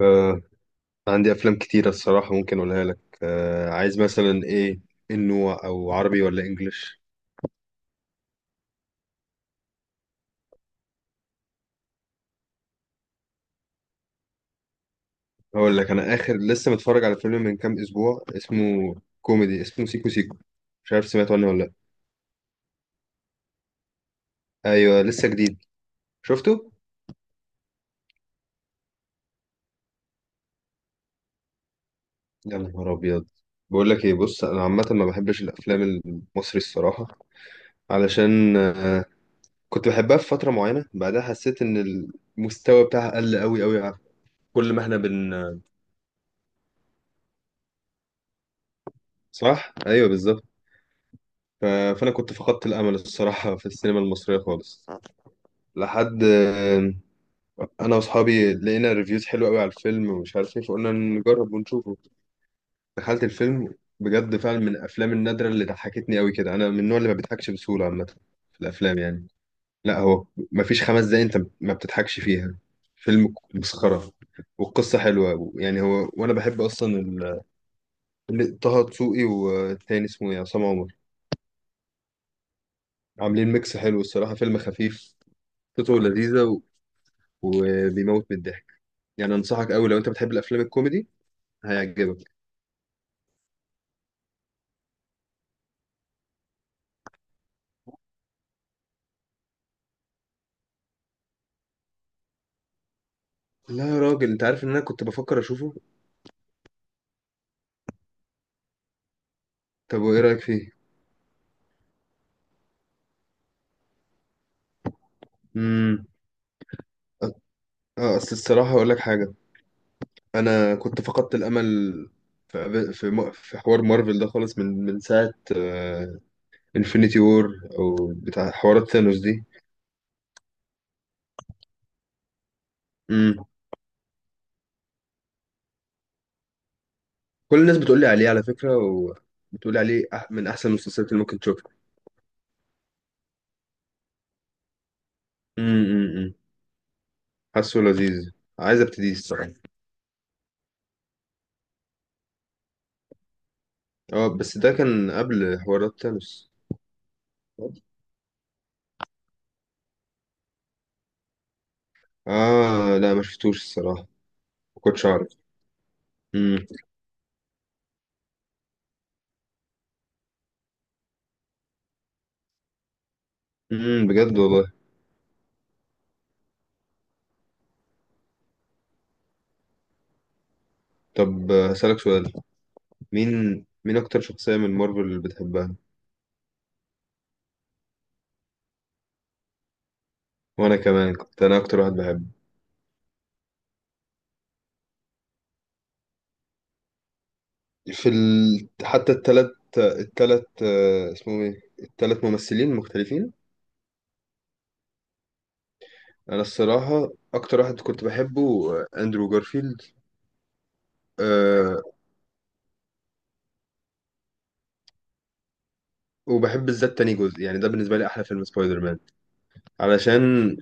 آه، عندي أفلام كتيرة الصراحة ممكن أقولها لك. آه، عايز مثلا إيه؟ إنه أو عربي ولا إنجليش؟ هقول لك. أنا آخر لسه متفرج على فيلم من كام أسبوع، اسمه كوميدي، اسمه سيكو سيكو. مش عارف سمعت عنه ولا لأ. أيوه لسه جديد. شفته؟ يا نهار أبيض! بقول لك إيه، بص، أنا عامة ما بحبش الأفلام المصري الصراحة، علشان كنت بحبها في فترة معينة، بعدها حسيت إن المستوى بتاعها قل أوي أوي، عارف، كل ما إحنا صح؟ أيوه بالظبط. ف- فانا كنت فقدت الامل الصراحه في السينما المصريه خالص لحد انا واصحابي لقينا ريفيوز حلوه قوي على الفيلم ومش عارف ايه، فقلنا نجرب ونشوفه. دخلت الفيلم، بجد فعلا من الافلام النادره اللي ضحكتني قوي كده، انا من النوع اللي ما بيضحكش بسهوله عامه في الافلام يعني. لا هو ما فيش خمس دقايق انت ما بتضحكش فيها، فيلم مسخره، والقصه حلوه يعني، هو وانا بحب اصلا طه دسوقي والتاني اسمه ايه عصام عمر، عاملين ميكس حلو الصراحه، فيلم خفيف قصته لذيذه وبيموت من الضحك، يعني انصحك قوي لو انت بتحب الافلام الكوميدي هيعجبك. لا يا راجل، انت عارف ان انا كنت بفكر اشوفه. طب وايه رايك فيه؟ امم اه، اصل الصراحه اقول لك حاجه، انا كنت فقدت الامل في حوار مارفل ده خالص من ساعه انفينيتي وور او بتاع حوارات ثانوس دي. امم كل الناس بتقول لي عليه على فكره، وبتقول لي عليه من احسن المسلسلات اللي ممكن تشوفها. امم، امم، أمم. حاسه لذيذ، عايز ابتديه الصراحه. اه بس ده كان قبل حوارات تانوس. اه لا ما شفتوش الصراحة، ما كنتش اعرف. امم، امم. بجد والله. طب هسألك سؤال. مين اكتر شخصية من مارفل اللي بتحبها؟ وانا كمان كنت انا اكتر واحد بحبه. حتى التلات اسمهم ايه التلات ممثلين مختلفين. انا الصراحة اكتر واحد كنت بحبه اندرو جارفيلد. أه. وبحب بالذات تاني جزء، يعني ده بالنسبة لي احلى فيلم سبايدر مان، علشان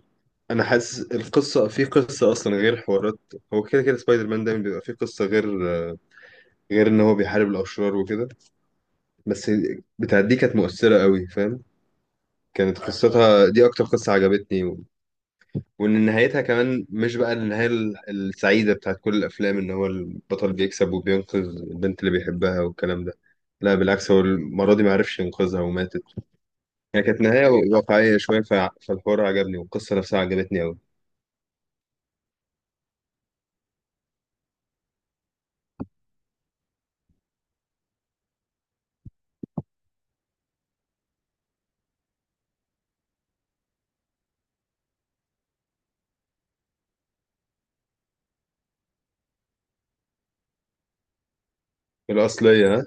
انا حاسس القصه، في قصه اصلا غير حوارات. هو كده كده سبايدر مان دايما بيبقى في قصه، غير غير ان هو بيحارب الاشرار وكده. بس بتاعت دي كانت مؤثره قوي، فاهم؟ كانت قصتها دي اكتر قصه عجبتني وان نهايتها كمان مش بقى النهايه السعيده بتاعت كل الافلام ان هو البطل بيكسب وبينقذ البنت اللي بيحبها والكلام ده. لا بالعكس، هو المره دي ما عرفش ينقذها وماتت، هي كانت نهايه واقعيه شويه، فالحوار عجبني والقصه نفسها عجبتني قوي. الاصليه. ها.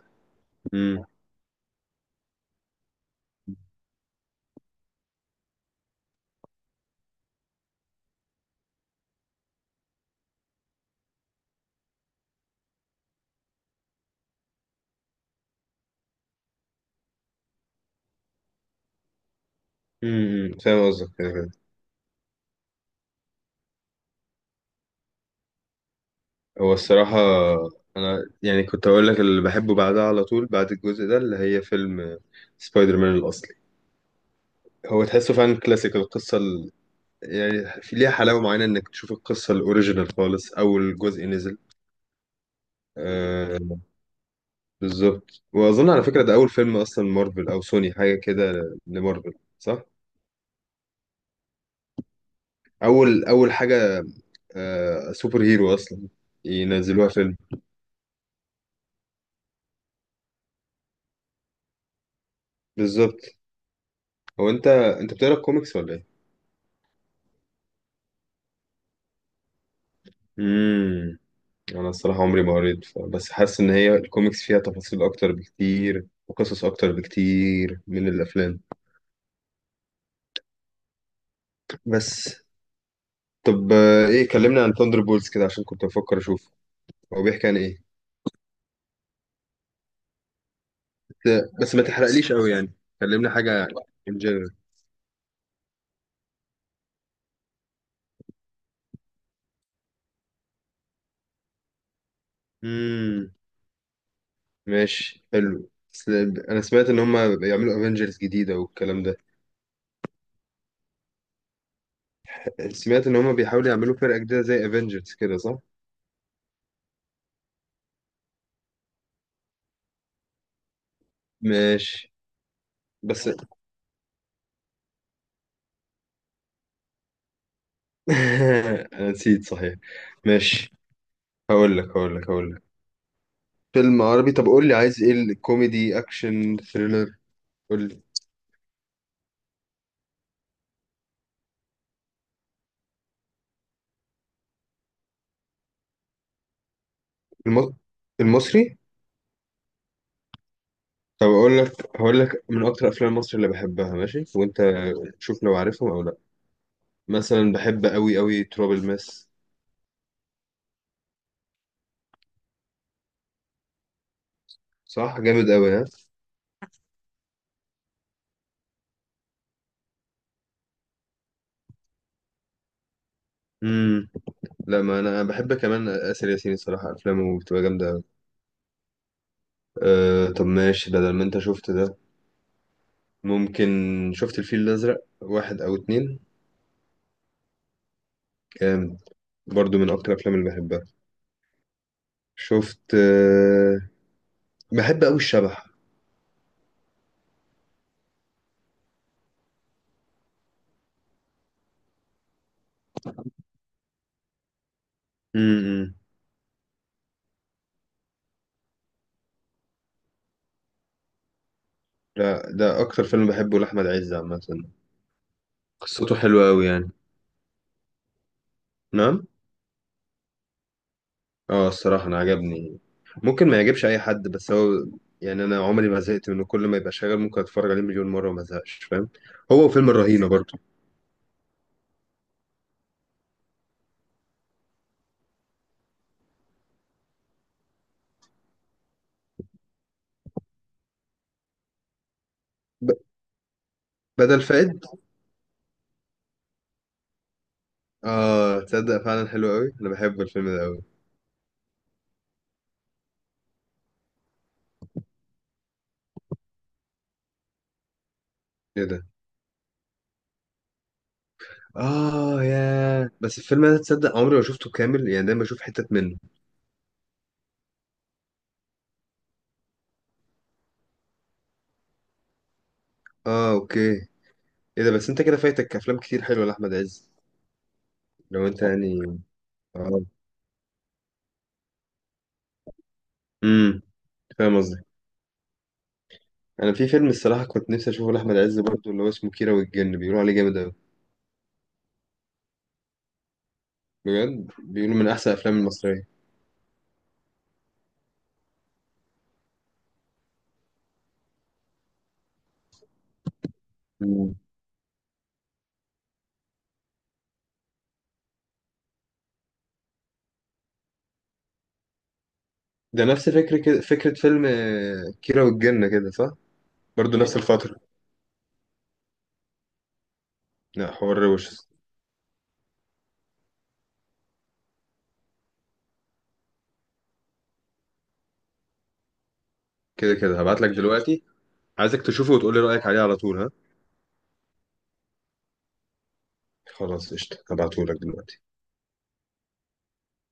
امم، فاهم قصدك كده كده. هو الصراحة أنا يعني كنت أقول لك اللي بحبه بعدها على طول بعد الجزء ده، اللي هي فيلم سبايدر مان الأصلي. هو تحسه فعلا كلاسيك، القصة يعني في ليها حلاوة معينة إنك تشوف القصة الأوريجينال خالص، أول جزء نزل. آه بالظبط. وأظن على فكرة ده أول فيلم أصلا مارفل أو سوني حاجة كده، لمارفل، صح؟ أول أول حاجة، آه سوبر هيرو أصلا. ينزلوها فيلم، بالظبط. هو أنت بتقرا كوميكس ولا إيه؟ امم انا الصراحه عمري ما قريت بس حاسس ان هي الكوميكس فيها تفاصيل اكتر بكتير وقصص اكتر بكتير من الافلام. بس. طب ايه، كلمنا عن ثاندر بولز كده عشان كنت بفكر اشوف، هو بيحكي عن ايه؟ بس بس ما تحرقليش قوي يعني، كلمنا حاجه ان جنرال. امم ماشي حلو. بس انا سمعت ان هم بيعملوا افنجرز جديده والكلام ده، سمعت ان هم بيحاولوا يعملوا فرقه جديده زي افنجرز كده صح. ماشي بس انا نسيت صحيح، ماشي. هقول لك فيلم عربي. طب قول لي عايز ايه، الكوميدي اكشن ثريلر؟ قول لي. الم... المصري. طب اقول لك هقول لك من اكتر افلام مصر اللي بحبها، ماشي، وانت شوف لو عارفهم او لا. مثلا بحب قوي قوي تراب الماس. صح جامد قوي، ها. امم. لا ما انا بحب كمان اسر ياسين الصراحه، افلامه بتبقى جامده قوي. أه طب ماشي، بدل ما انت شفت ده ممكن شفت الفيل الازرق واحد او اتنين؟ جامد، برضو من اكتر الافلام اللي بحبها. شفت بحب أوي الشبح. امم. لا ده أكتر فيلم بحبه لأحمد عز عامة، قصته حلوة أوي يعني. نعم. اه الصراحة أنا عجبني، ممكن ما يعجبش أي حد بس هو يعني أنا عمري ما زهقت منه، كل ما يبقى شغال ممكن أتفرج عليه مليون مرة وما أزهقش فاهم. هو وفيلم الرهينة برضه. ب... بدل فائد. اه تصدق فعلا حلو أوي، أنا بحب الفيلم ده أوي. إيه ده؟ اه يا بس الفيلم ده تصدق عمري ما شفته كامل يعني، دايما بشوف حتت منه. اه اوكي. ايه ده بس انت كده فايتك افلام كتير حلوه لاحمد عز، لو انت يعني. اه. امم. فاهم قصدي. انا في فيلم الصراحه كنت نفسي اشوفه لاحمد عز برضه اللي هو اسمه كيرة والجن، بيقولوا عليه جامد قوي، بجد بيقولوا من احسن الافلام المصريه. مم. ده نفس فكره كده، فكره فيلم كيرة والجن كده صح. برضه نفس الفتره. لا حوار روش. كده كده هبعت لك دلوقتي. عايزك تشوفه وتقول لي رايك عليه على طول، ها. خلاص قشطه، هبعته لك دلوقتي.